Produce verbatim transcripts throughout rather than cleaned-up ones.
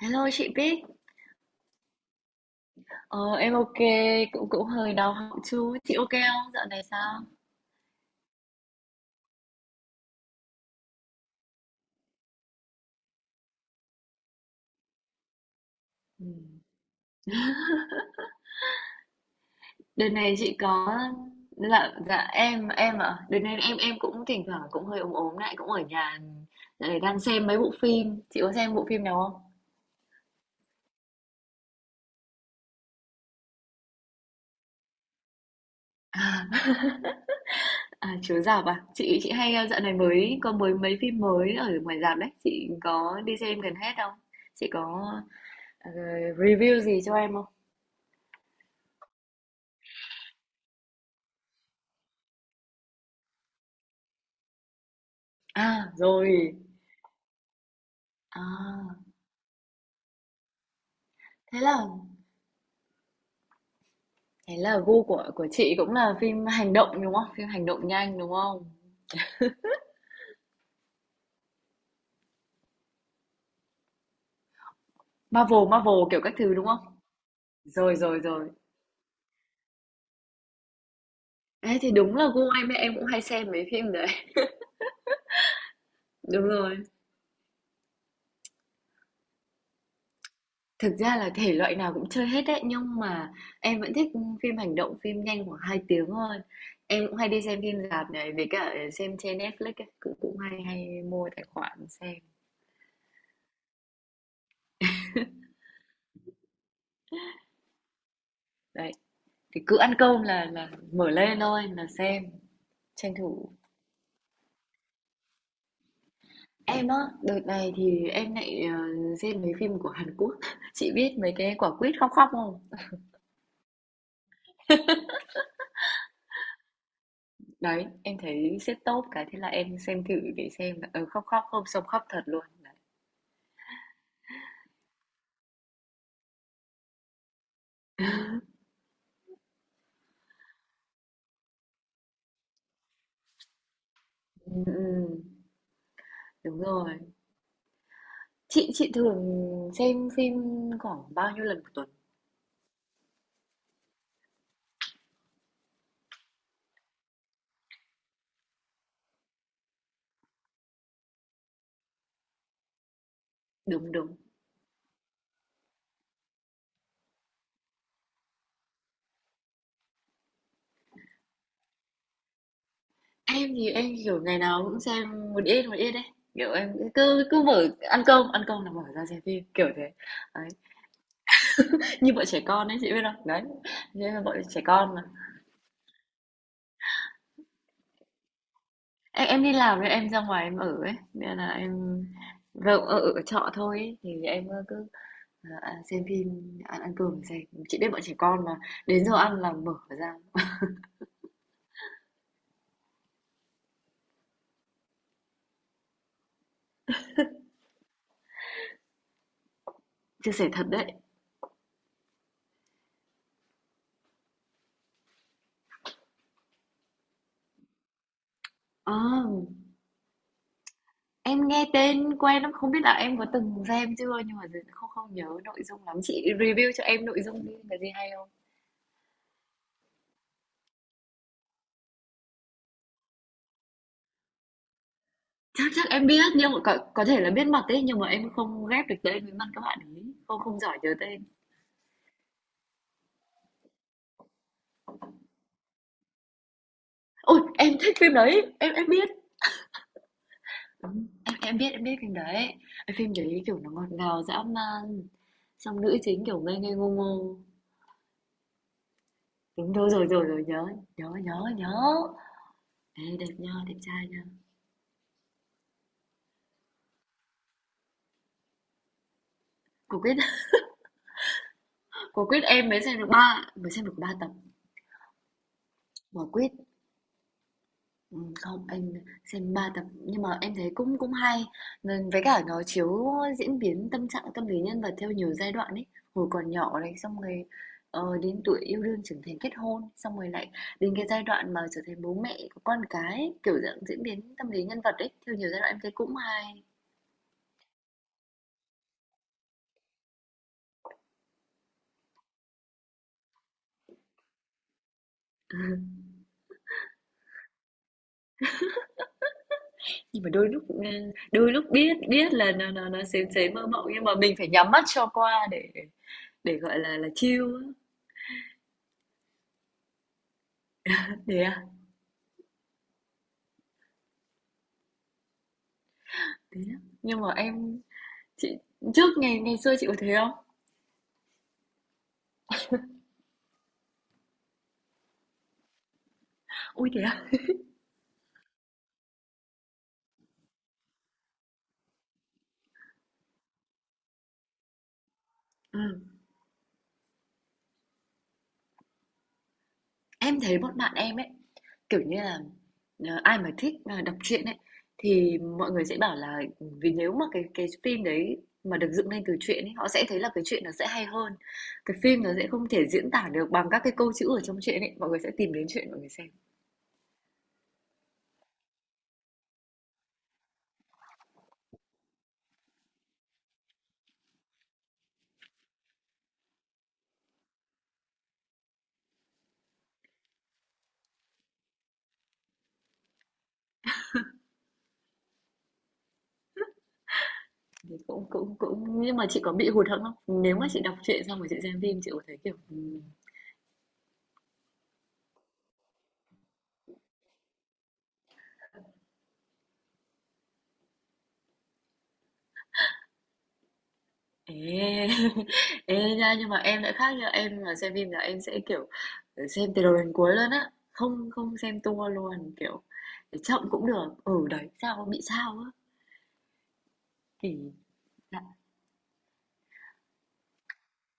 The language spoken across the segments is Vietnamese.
Hello chị Bích, ờ, em ok, cũng cũng hơi đau họng chút. Chị ok không? Dạo này sao? Ừ. Đợt này chị có. Dạ dạ em em ạ. Đợt này em em cũng thỉnh thoảng cũng hơi ốm ốm lại cũng ở nhà. Dạo này đang xem mấy bộ phim. Chị có xem bộ phim nào không? À, à chiếu rạp à? Chị chị hay ờ, dạo này mới có mới mấy phim mới ở ngoài rạp đấy. Chị có đi xem gần hết không? Chị có ờ, review gì cho em không? À rồi. À thế là. Thế là gu của của chị cũng là phim hành động đúng không? Phim hành động nhanh đúng không? Marvel, Marvel kiểu các thứ đúng không? Rồi rồi rồi. Ê, thì đúng là gu em em cũng hay xem mấy phim đấy. Đúng rồi. Thực ra là thể loại nào cũng chơi hết đấy nhưng mà em vẫn thích phim hành động, phim nhanh khoảng hai tiếng thôi. Em cũng hay đi xem phim rạp này với cả xem trên Netflix ấy, cũng cũng hay hay mua tài khoản xem. Đấy, thì cứ ăn cơm là là mở lên thôi là xem tranh thủ. Em á, đợt này thì em lại ờ, xem mấy phim của Hàn Quốc. Chị biết mấy cái quả quýt khóc khóc không? Đấy, em thấy xếp top cái thế là em xem thử để xem là ờ, khóc khóc không xong khóc thật luôn. Đấy. Ừ, ừ, đúng rồi. Chị chị thường xem phim khoảng bao nhiêu lần một tuần? Đúng đúng. Em thì em kiểu ngày nào cũng xem một ít một ít đấy. Kiểu em cứ cứ mở ăn cơm, ăn cơm là mở ra xem phim kiểu thế. Đấy. Như bọn trẻ con ấy chị biết không? Đấy. Như bọn trẻ con em em đi làm nên em ra ngoài em ở ấy nên là em vâng ở, ở trọ thôi ấy. Thì em cứ ờ, à, xem phim ăn ăn cơm xem chị biết bọn trẻ con mà đến giờ ăn là mở ra chia sẻ thật đấy. À, em nghe tên quen lắm không biết là em có từng xem chưa nhưng mà không không nhớ nội dung lắm chị review cho em nội dung đi là gì hay không. Chắc chắc em biết nhưng mà có, có thể là biết mặt ấy nhưng mà em không ghép được tên với mặt các bạn ấy không không giỏi nhớ tên. Ôi em thích phim đấy em em biết. Đúng. Em em biết em biết phim đấy. Cái phim đấy kiểu nó ngọt ngào dã man. Xong nữ chính kiểu ngây ngây ngô ngô. Đúng đâu rồi rồi rồi nhớ nhớ nhớ nhớ. Ê, đẹp nha, đẹp trai nha. Quả quyết quả quyết em mới xem được ba mới xem được ba tập. Quả quyết. Ừm, không, anh xem ba tập nhưng mà em thấy cũng cũng hay. Nên với cả nó chiếu diễn biến tâm trạng tâm lý nhân vật theo nhiều giai đoạn ấy. Hồi còn nhỏ này xong rồi ờ, đến tuổi yêu đương trưởng thành kết hôn, xong rồi lại đến cái giai đoạn mà trở thành bố mẹ có con cái, ấy, kiểu dạng diễn biến tâm lý nhân vật ấy theo nhiều giai đoạn em thấy cũng hay. Nhưng mà đôi lúc ừ, đôi lúc biết biết là nó nó nó xém xém mơ mộng nhưng mà mình phải nhắm mắt cho qua để để gọi là là chill á. Thế à? Thế á. Nhưng mà em. Chị trước ngày ngày xưa chị có thế không? Ui thế à? Ừm. Em thấy bọn bạn em ấy, kiểu như là, ờ, ai mà thích, à, đọc truyện ấy, thì mọi người sẽ bảo là vì nếu mà cái cái phim đấy mà được dựng lên từ truyện ấy, họ sẽ thấy là cái truyện nó sẽ hay hơn. Cái phim nó sẽ không thể diễn tả được bằng các cái câu chữ ở trong truyện ấy, mọi người sẽ tìm đến truyện mọi người xem. Thì cũng cũng cũng nhưng mà chị có bị hụt hẫng không? Nếu mà chị đọc truyện xong rồi chị xem phim chị có thấy, kiểu, ừm, Ê, ê nha nhưng mà em lại khác nha em mà xem phim là em sẽ kiểu xem từ đầu đến cuối luôn á không không xem tua luôn kiểu để chậm cũng được ừ đấy sao bị sao á kỳ.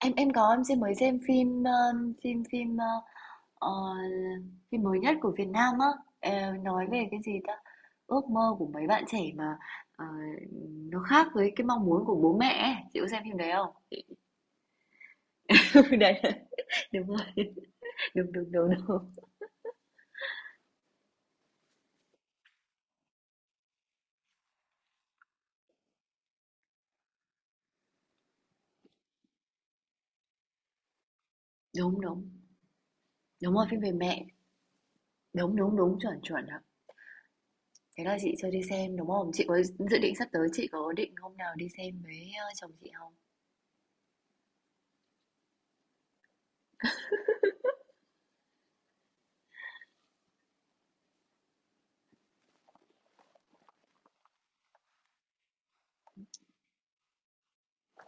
Em em có em xem mới xem phim ờ, phim phim ờ, ờ, phim mới nhất của Việt Nam á. Ờ, nói về cái gì ta ước mơ của mấy bạn trẻ mà ờ, nó khác với cái mong muốn của bố mẹ ấy. Chị có xem phim đấy không? Đấy đúng rồi đúng đúng đúng đúng đúng đúng. Đúng rồi, phim về mẹ. Đúng, đúng, đúng, chuẩn, chuẩn ạ. Thế là chị chưa đi xem đúng không? Chị có dự định sắp tới chị có định hôm nào đi xem với ờ, chồng chị không?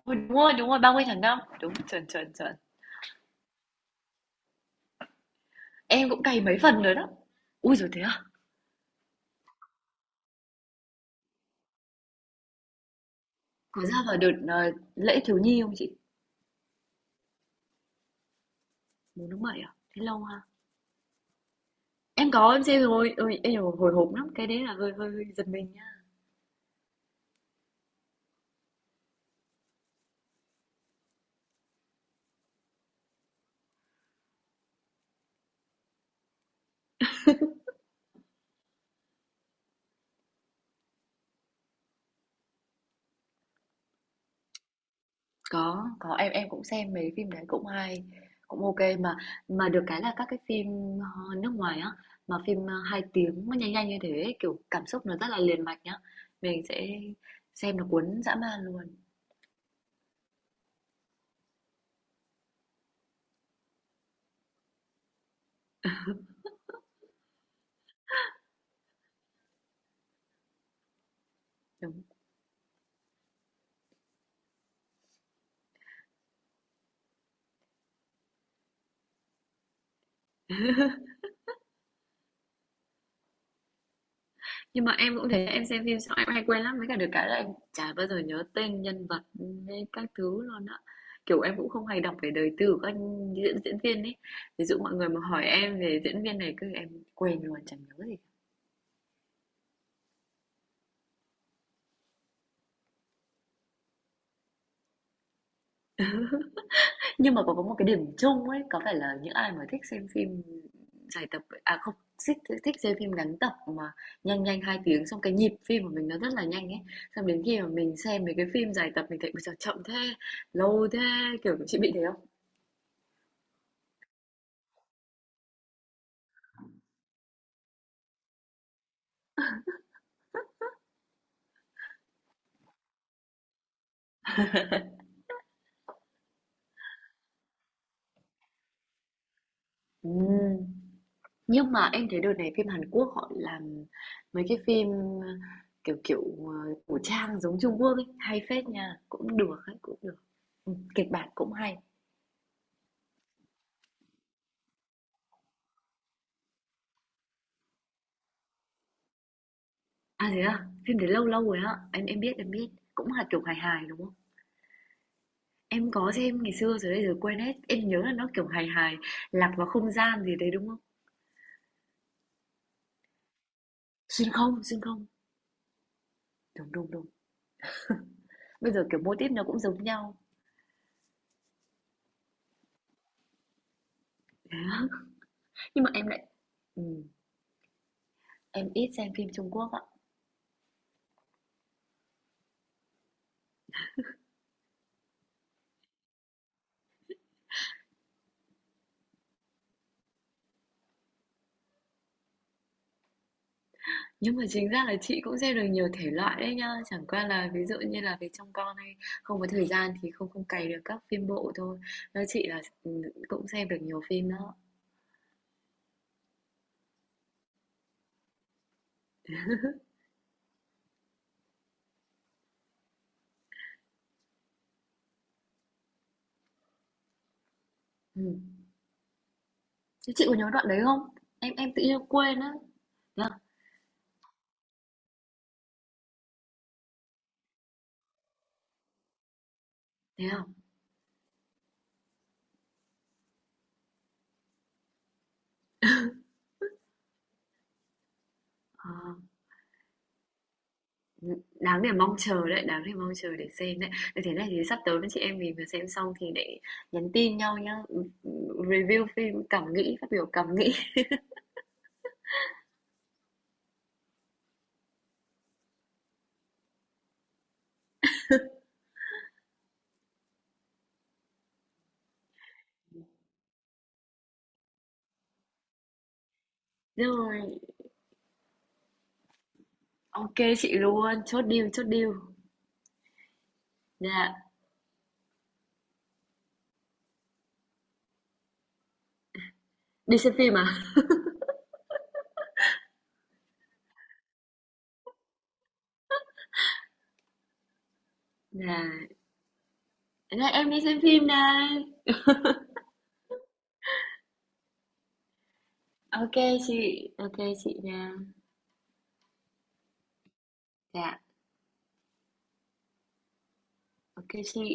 Ui, đúng rồi, đúng rồi, ba mươi tháng năm. Đúng, chuẩn, chuẩn, chuẩn. Em cũng cày mấy phần rồi đó. Ui rồi thế à? Có ra vào đợt ờ, lễ thiếu nhi không chị? bốn tháng bảy à? Thế lâu ha. Em có em xem rồi. Ôi, em hồi hộp lắm. Cái đấy là hơi hơi, hơi giật mình nha. Có, có, em em cũng xem mấy phim đấy cũng hay, cũng ok mà mà được cái là các cái phim, ờ, nước ngoài á, mà phim, ơ, 2 tiếng mà nhanh nhanh như thế kiểu, cảm xúc nó rất là liền mạch nhá, mình sẽ xem nó cuốn dã man luôn, đúng. Nhưng mà em cũng thế, em xem phim xong em hay quên lắm, với cả được cái là em chả bao giờ nhớ tên nhân vật hay các thứ luôn á. Kiểu, em cũng không hay đọc về đời tư của các diễn diễn viên ấy, ví dụ mọi người mà hỏi em về diễn viên này, cứ em quên luôn, chẳng nhớ gì. Nhưng mà có có một cái điểm chung ấy, có phải là những ai mà thích xem phim dài tập à không, thích thích xem phim ngắn tập mà nhanh nhanh hai tiếng xong cái nhịp phim của mình nó rất là nhanh ấy. Xong đến khi mà mình xem mấy cái phim dài tập mình thấy bây giờ chậm thế, lâu thế, kiểu chị bị thế không? Ừm. Nhưng mà em thấy đợt này phim Hàn Quốc họ làm mấy cái phim ờ, kiểu kiểu ờ, cổ trang giống Trung Quốc ấy, hay phết nha, cũng được ấy, cũng được. Ừ, kịch bản cũng hay. À, thế à? Phim đấy lâu lâu rồi á. Em em biết, em biết. Cũng là kiểu hài hài đúng không? Em có xem ngày xưa rồi bây giờ quên hết. Em nhớ là nó kiểu hài hài, lạc vào không gian gì đấy đúng không? Xuyên không, xuyên không. Đúng đúng đúng. Bây giờ kiểu mô típ nó cũng giống nhau. Đấy á. Nhưng mà em lại ừ, em ít xem phim Trung Quốc ạ. Nhưng mà chính ra là chị cũng xem được nhiều thể loại đấy nhá. Chẳng qua là ví dụ như là về trong con hay không có thời gian thì không không cày được các phim bộ thôi. Nói chị là ừ, cũng xem được nhiều phim đó. Ừ. Thế chị có nhớ đoạn đấy không? Em em tự nhiên quên á. Thế à? Thế à? Ờ, đáng để mong chờ đấy, đáng để mong chờ để xem đấy. Thế thế này thì sắp tới với chị em mình vừa xem xong thì để nhắn tin nhau nhá. Review phim cảm nghĩ, phát biểu cảm nghĩ. Rồi, ok chị luôn, chốt deal, chốt deal. Dạ, đi xem phim à? Dạ, Thế này em đi xem phim này. Ok chị, ok chị nha. Dạ, ok chị.